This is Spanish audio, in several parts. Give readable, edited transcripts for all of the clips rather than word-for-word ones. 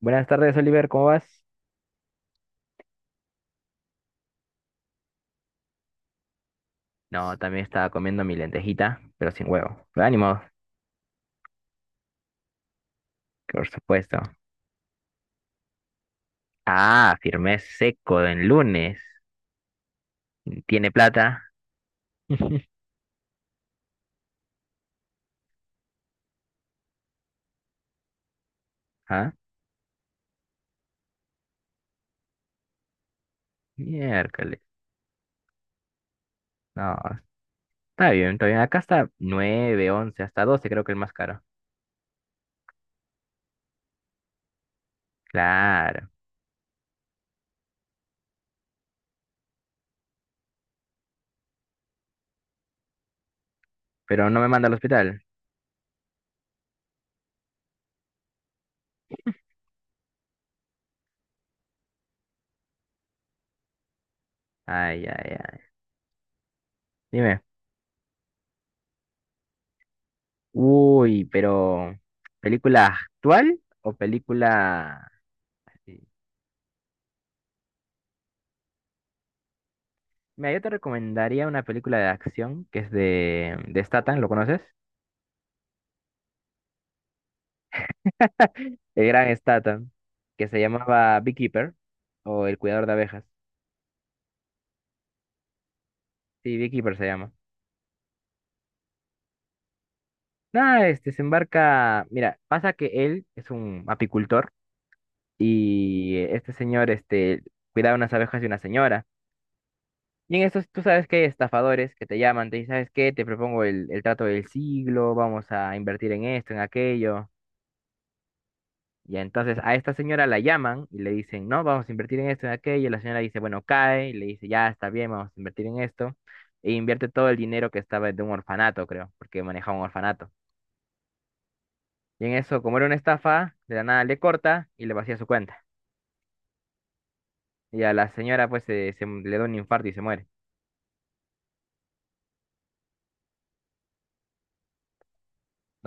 Buenas tardes, Oliver, ¿cómo vas? No, también estaba comiendo mi lentejita, pero sin huevo. Pero ánimo, por supuesto. Ah, firmé seco en lunes. ¿Tiene plata? ¿Ah? Miércoles. No, está bien, está bien. Acá está 9, 11, hasta 12, creo que el más caro. Claro, pero no me manda al hospital. Ay, ay, ay. Dime. Uy, pero ¿película actual o película eh, mira, yo te recomendaría una película de acción que es de Statham, ¿lo conoces? El gran Statham, que se llamaba Beekeeper o El Cuidador de Abejas. Sí, Beekeeper se llama. Nada, este se embarca. Mira, pasa que él es un apicultor y este señor este, cuidaba unas abejas de una señora. Y en estos, tú sabes que hay estafadores que te llaman, te dicen, ¿sabes qué? Te propongo el trato del siglo, vamos a invertir en esto, en aquello. Y entonces a esta señora la llaman y le dicen, no, vamos a invertir en esto, en aquello. Y la señora dice, bueno, cae. Y le dice, ya está bien, vamos a invertir en esto. E invierte todo el dinero que estaba de un orfanato, creo, porque manejaba un orfanato. Y en eso, como era una estafa, de la nada le corta y le vacía su cuenta. Y a la señora, pues, se le da un infarto y se muere.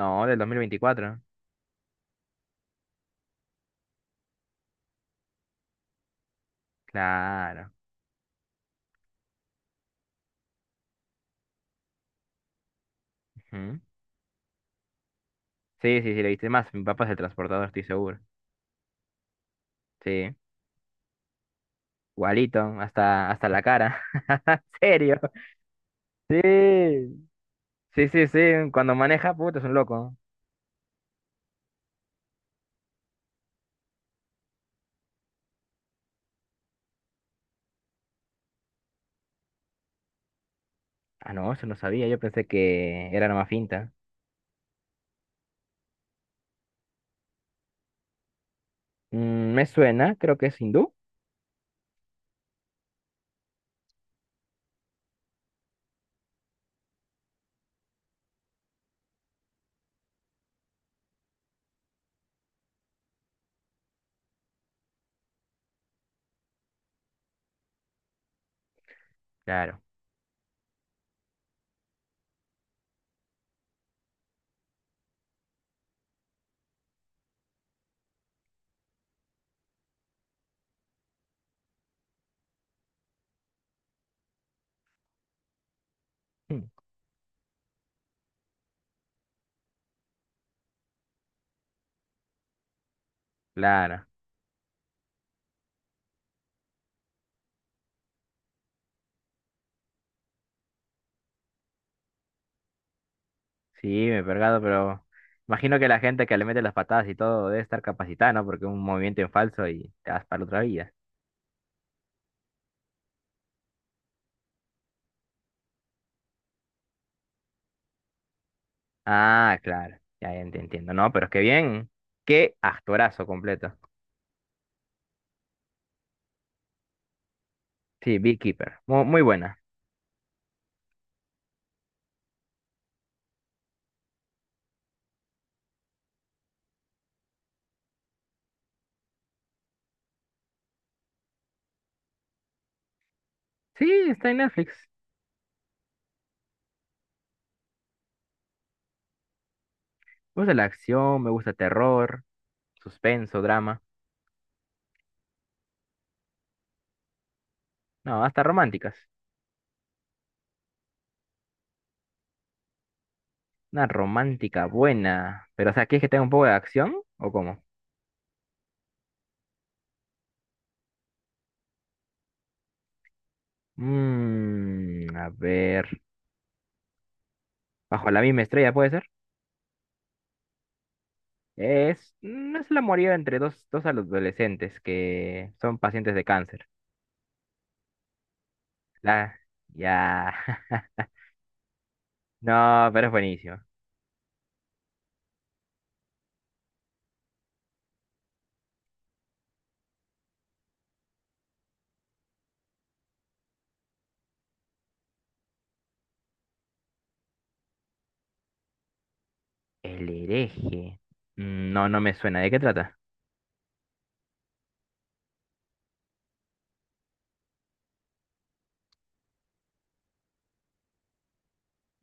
No, del 2024. Claro. Ujú. Sí, sí, sí, le viste más. Mi papá es el transportador, estoy seguro. Sí. Igualito, hasta, hasta la cara. ¿En ¿serio? Sí. Sí, sí, sí, cuando maneja, puta, es un loco. Ah, no, eso no sabía, yo pensé que era nomás finta. Mm, me suena, creo que es hindú. Claro, mm, claro. Sí, me he pergado, pero imagino que la gente que le mete las patadas y todo debe estar capacitada, ¿no? Porque es un movimiento en falso y te vas para otra vida. Ah, claro, ya, ya te entiendo. No, pero es que bien, qué actorazo completo. Sí, Beekeeper, muy buena. Sí, está en Netflix. Me gusta la acción, me gusta terror, suspenso, drama. No, hasta románticas. Una romántica buena. Pero, o sea, ¿quieres que tenga un poco de acción? ¿O cómo? Mmm, a ver. Bajo la misma estrella, ¿puede ser? Es, es el amorío entre dos, dos adolescentes que son pacientes de cáncer. La, ya. No, pero es buenísimo. El hereje. Mm, no, no me suena. ¿De qué trata?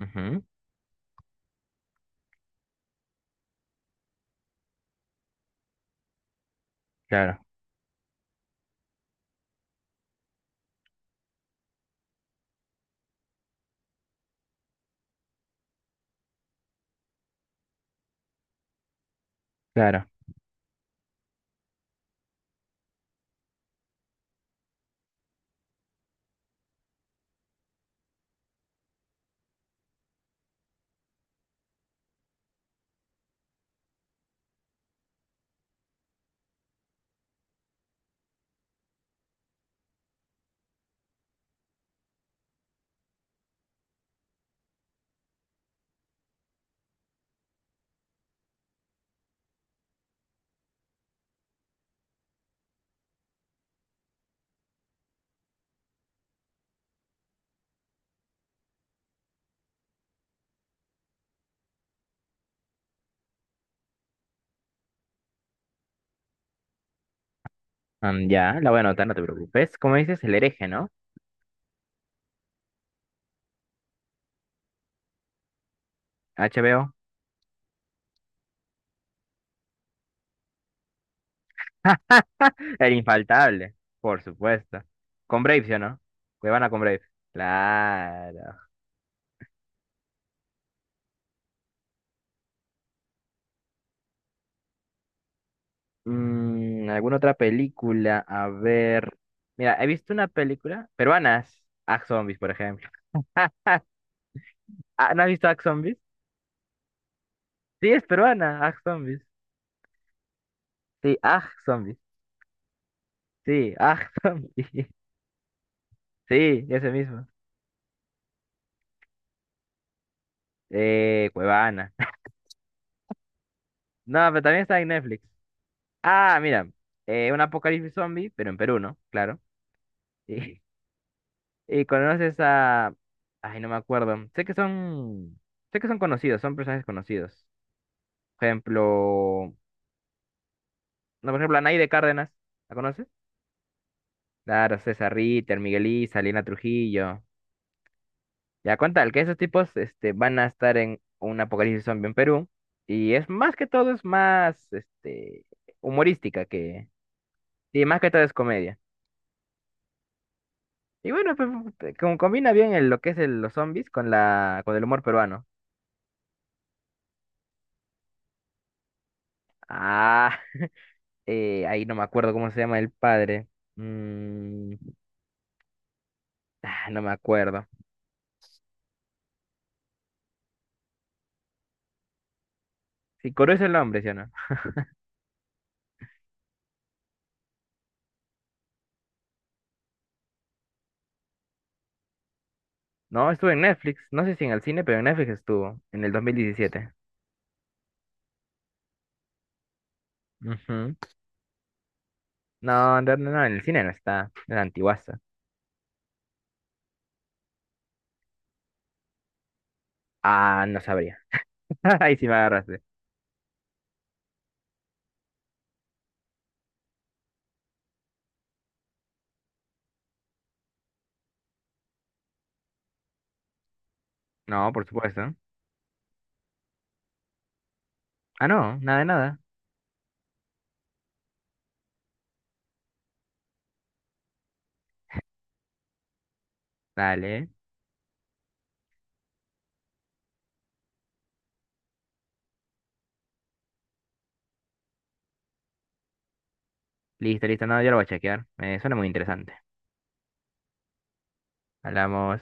Ujú. Claro, claro. Mm, ya, la voy a anotar, no te preocupes. ¿Cómo dices? El hereje, ¿no? HBO. El infaltable, por supuesto. Con Brave, ¿sí o no? Cuevana con Brave. Claro. Mm, ¿alguna otra película? A ver. Mira, he visto una película peruanas. Ax Zombies, por ejemplo. Ah, ¿no has visto Ax Zombies? Sí, es peruana. Ax Zombies. Sí, Ax Zombies. Sí, Ax Zombies. Sí, ese mismo. Cuevana. No, pero también está en Netflix. Ah, mira. Un apocalipsis zombie, pero en Perú, ¿no? Claro. Y conoces a... Ay, no me acuerdo. Sé que son conocidos, son personajes conocidos. Por ejemplo... No, por ejemplo, a Anaide Cárdenas. ¿La conoces? Claro, César Ritter, Miguel Isa, Lina Trujillo. Ya con tal que esos tipos este, van a estar en un apocalipsis zombie en Perú. Y es más que todo, es más este, humorística que... Sí, más que todo es comedia. Y bueno, pues, te- como combina bien el- lo que es el- los zombies con la, con el humor peruano. Ah, ahí no me acuerdo cómo se llama el padre. Mm, ah, no me acuerdo. Sí, Coro es el nombre, ¿sí o no? No, estuvo en Netflix. No sé si en el cine, pero en Netflix estuvo, en el 2017. Ujú. No, no, no, no, en el cine no está, en la antiguaza. Ah, no sabría. Ahí sí me agarraste. No, por supuesto. Ah, no, nada de nada. Dale. Listo, listo, no, yo lo voy a chequear. Me suena muy interesante. Hablamos.